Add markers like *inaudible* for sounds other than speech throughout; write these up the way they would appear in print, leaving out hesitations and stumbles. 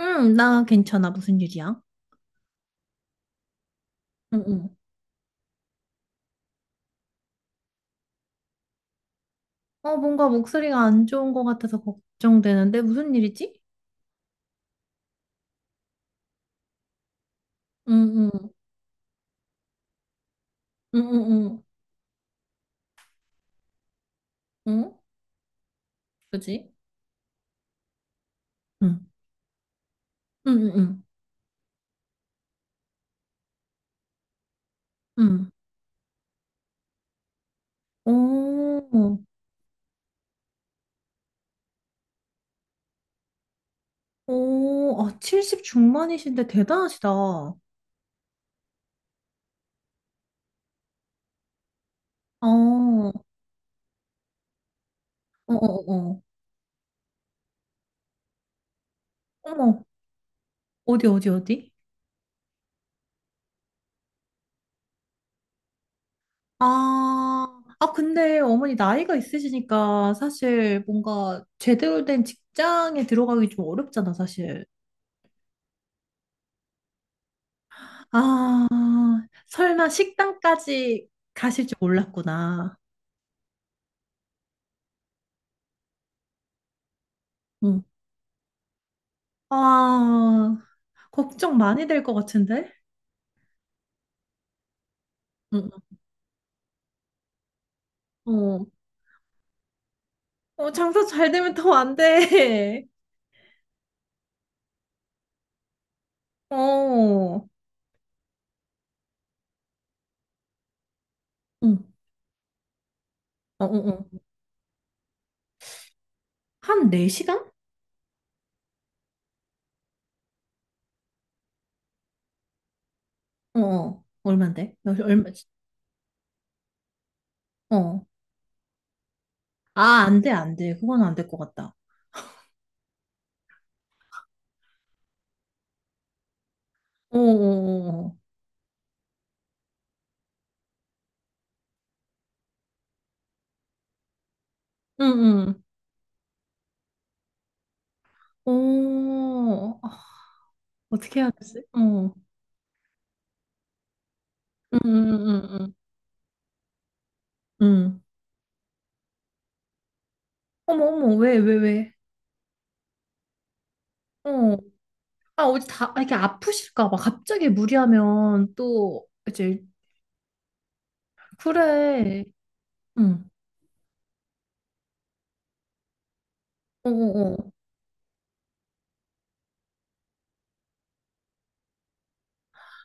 응, 나 괜찮아. 무슨 일이야? 응, 응. 어, 뭔가 목소리가 안 좋은 것 같아서 걱정되는데 무슨 일이지? 응, 응, 응, 응, 응, 응, 그지? 응, 응, 응, 응. 응. 오, 오, 아, 70 중반이신데 대단하시다. 어, 어, 어, 어. 어. 어머, 어디, 어디, 어디? 아, 아, 근데 어머니 나이가 있으시니까 사실 뭔가 제대로 된 직장에 들어가기 좀 어렵잖아, 사실. 아, 설마 식당까지 가실 줄 몰랐구나. 응. 아, 걱정 많이 될 것 같은데? 응. 응, 어, 어, 장사 잘 되면 더 안 돼. *laughs* 어, 응. 어, 어, 어. 한 4시간? 어, 어. 얼만데? 얼마, 어. 아, 안 돼, 안 돼. 그건 안 될 것 같다. 어, 어, 어. 어. 응, 응. 어, 아, 어떻게 해야 되지? 어. 응, 응, 응, 응. 응. 응. 응. 어머, 어머, 왜, 왜, 왜? 어. 아, 어디 다 아, 이렇게 아프실까 봐 갑자기 무리하면 또 이제 그래. 응. 어, 어, 어.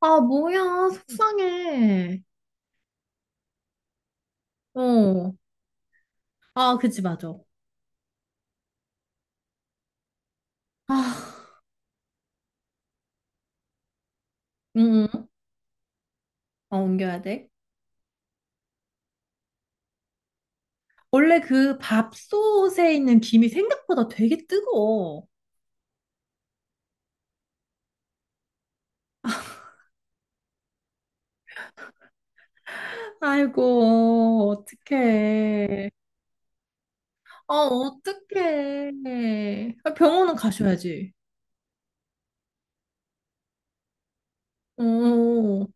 아, 뭐야. 속상해. 어. 아, 그치 맞아. 아. 응. 응. 어, 옮겨야 돼. 원래 그 밥솥에 있는 김이 생각보다 되게 뜨거워. 아이고, 어떡해. 아, 어떡해. 아, 병원은 가셔야지. 어. 어,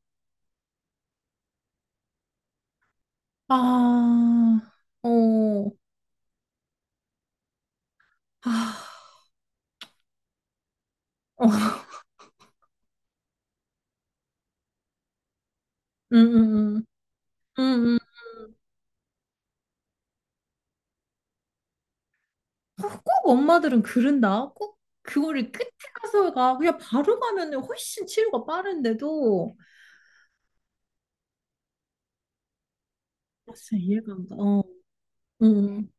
어. 아. 어. 아. 어, *laughs* 음, 음, 음, 음. 어, 꼭 엄마들은 그런다. 꼭 그거를 끝에 가서 가. 그냥 바로 가면은 훨씬 치료가 빠른데도. 진짜 이해가 안 가. 어, 음,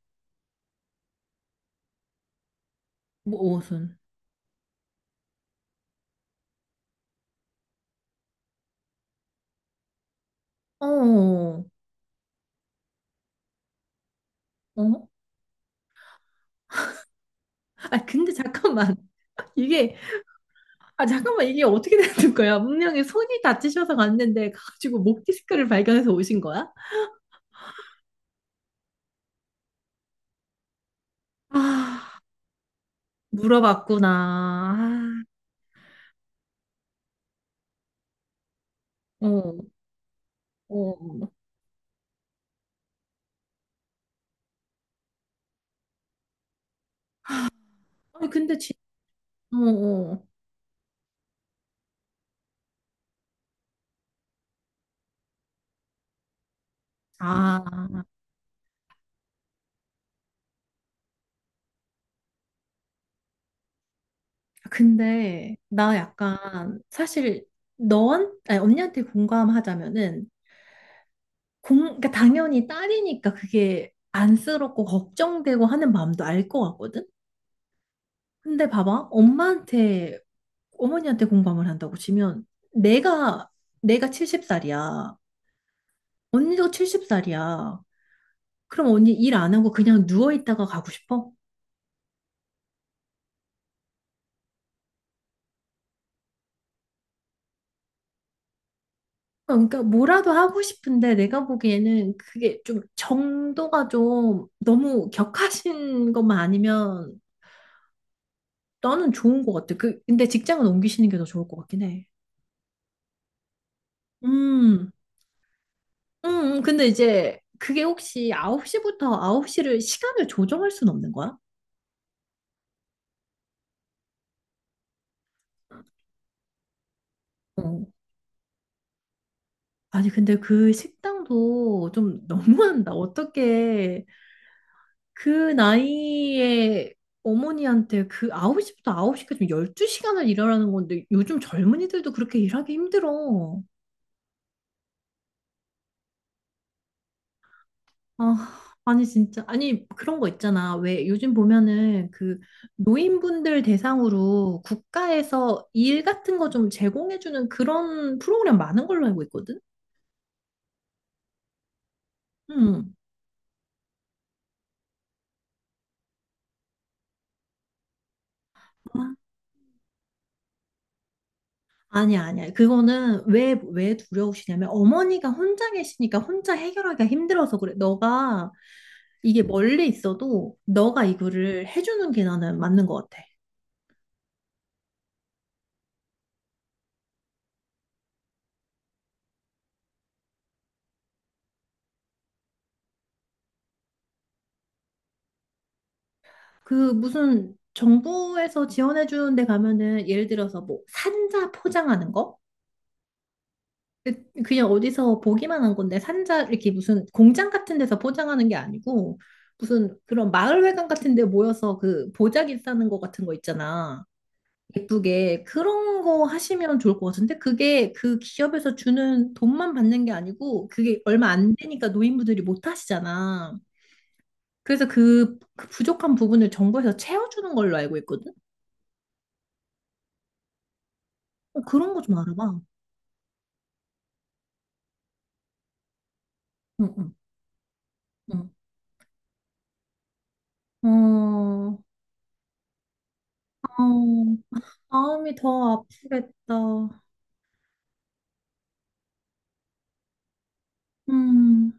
뭐, 무슨. 어, 어. 어? 아, 근데 잠깐만. 이게, 아, 잠깐만. 이게 어떻게 되는 거야? 문명이 손이 다치셔서 갔는데, 가가지고 목 디스크를 발견해서 오신 거야? 아, 물어봤구나. 아, 어, 어. 아니, 근데 진, 어, 어. 아. 아, 근데 나 약간 사실 너한 아니, 언니한테 공감하자면은 공 그러니까 당연히 딸이니까 그게 안쓰럽고 걱정되고 하는 마음도 알 것 같거든. 근데 봐봐 엄마한테 어머니한테 공감을 한다고 치면 내가 내가 70살이야. 언니도 70살이야. 그럼 언니 일 안 하고 그냥 누워 있다가 가고 싶어? 어, 그러니까 뭐라도 하고 싶은데 내가 보기에는 그게 좀 정도가 좀 너무 격하신 것만 아니면 너는 좋은 것 같아. 그 근데 직장은 옮기시는 게 더 좋을 것 같긴 해. 음, 근데 이제 그게 혹시 9시부터 9시를 시간을 조정할 순 없는 거야? 어. 아니 근데 그 식당도 좀 *laughs* 너무한다. 어떻게 그 나이에 어머니한테 그 9시부터 9시까지 12시간을 일하라는 건데 요즘 젊은이들도 그렇게 일하기 힘들어. 아, 아니 진짜. 아니 그런 거 있잖아. 왜 요즘 보면은 그 노인분들 대상으로 국가에서 일 같은 거 좀 제공해주는 그런 프로그램 많은 걸로 알고 있거든. 응. 아니야, 아니야. 그거는 왜, 왜 두려우시냐면 어머니가 혼자 계시니까 혼자 해결하기가 힘들어서 그래. 너가 이게 멀리 있어도 너가 이거를 해주는 게 나는 맞는 것 같아. 그 무슨 정부에서 지원해 주는 데 가면은 예를 들어서 뭐 산자 포장하는 거? 그- 그냥 어디서 보기만 한 건데 산자 이렇게 무슨 공장 같은 데서 포장하는 게 아니고 무슨 그런 마을회관 같은 데 모여서 그 보자기 싸는 거 같은 거 있잖아. 예쁘게 그런 거 하시면 좋을 것 같은데 그게 그 기업에서 주는 돈만 받는 게 아니고 그게 얼마 안 되니까 노인분들이 못 하시잖아. 그래서 그 부족한 부분을 정부에서 채워주는 걸로 알고 있거든. 어, 그런 거 좀 알아봐. 응, 응, 응. 어, 어, 마음이 더 아프겠다. 음.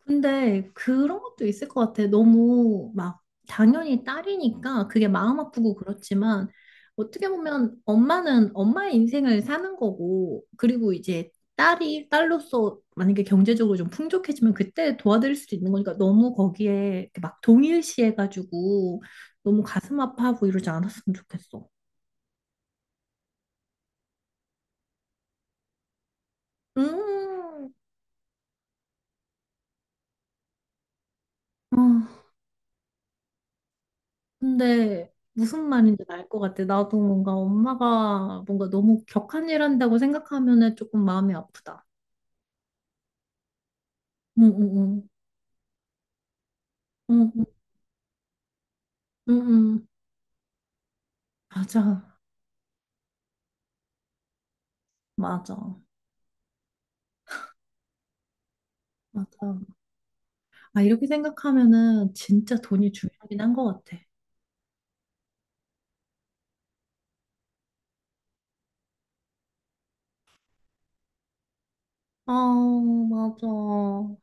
근데 그런 것도 있을 것 같아. 너무 막 당연히 딸이니까 그게 마음 아프고 그렇지만 어떻게 보면 엄마는 엄마의 인생을 사는 거고 그리고 이제 딸이 딸로서 만약에 경제적으로 좀 풍족해지면 그때 도와드릴 수도 있는 거니까 너무 거기에 이렇게 막 동일시해가지고 너무 가슴 아파하고 이러지 않았으면 좋겠어. 음. 근데 무슨 말인지 알 것 같아. 나도 뭔가 엄마가 뭔가 너무 격한 일 한다고 생각하면은 조금 마음이 아프다. 응응응. 응응응. 맞아. 맞아. 맞아. 아, 이렇게 생각하면은 진짜 돈이 중요하긴 한 것 같아. 아, 맞아.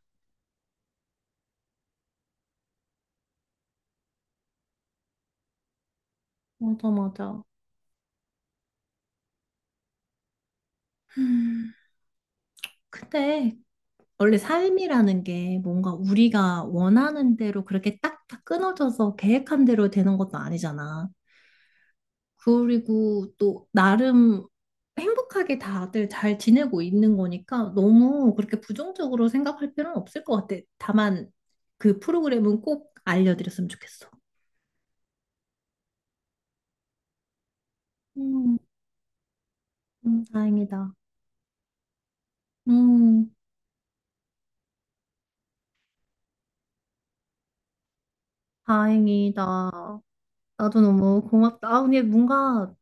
맞아, 맞아. 음, 근데 원래 삶이라는 게 뭔가 우리가 원하는 대로 그렇게 딱딱 끊어져서 계획한 대로 되는 것도 아니잖아. 그리고 또 나름 행복하게 다들 잘 지내고 있는 거니까 너무 그렇게 부정적으로 생각할 필요는 없을 것 같아. 다만 그 프로그램은 꼭 알려드렸으면 좋겠어. 음, 다행이다. 음, 다행이다. 나도 너무 고맙다. 아, 근데 뭔가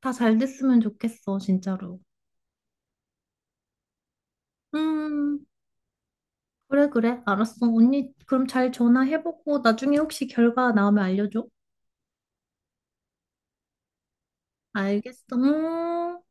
다 잘 됐으면 좋겠어, 진짜로. 음, 그래, 그래. 알았어. 언니, 그럼 잘 전화해보고 나중에 혹시 결과 나오면 알려줘. 알겠어. 음.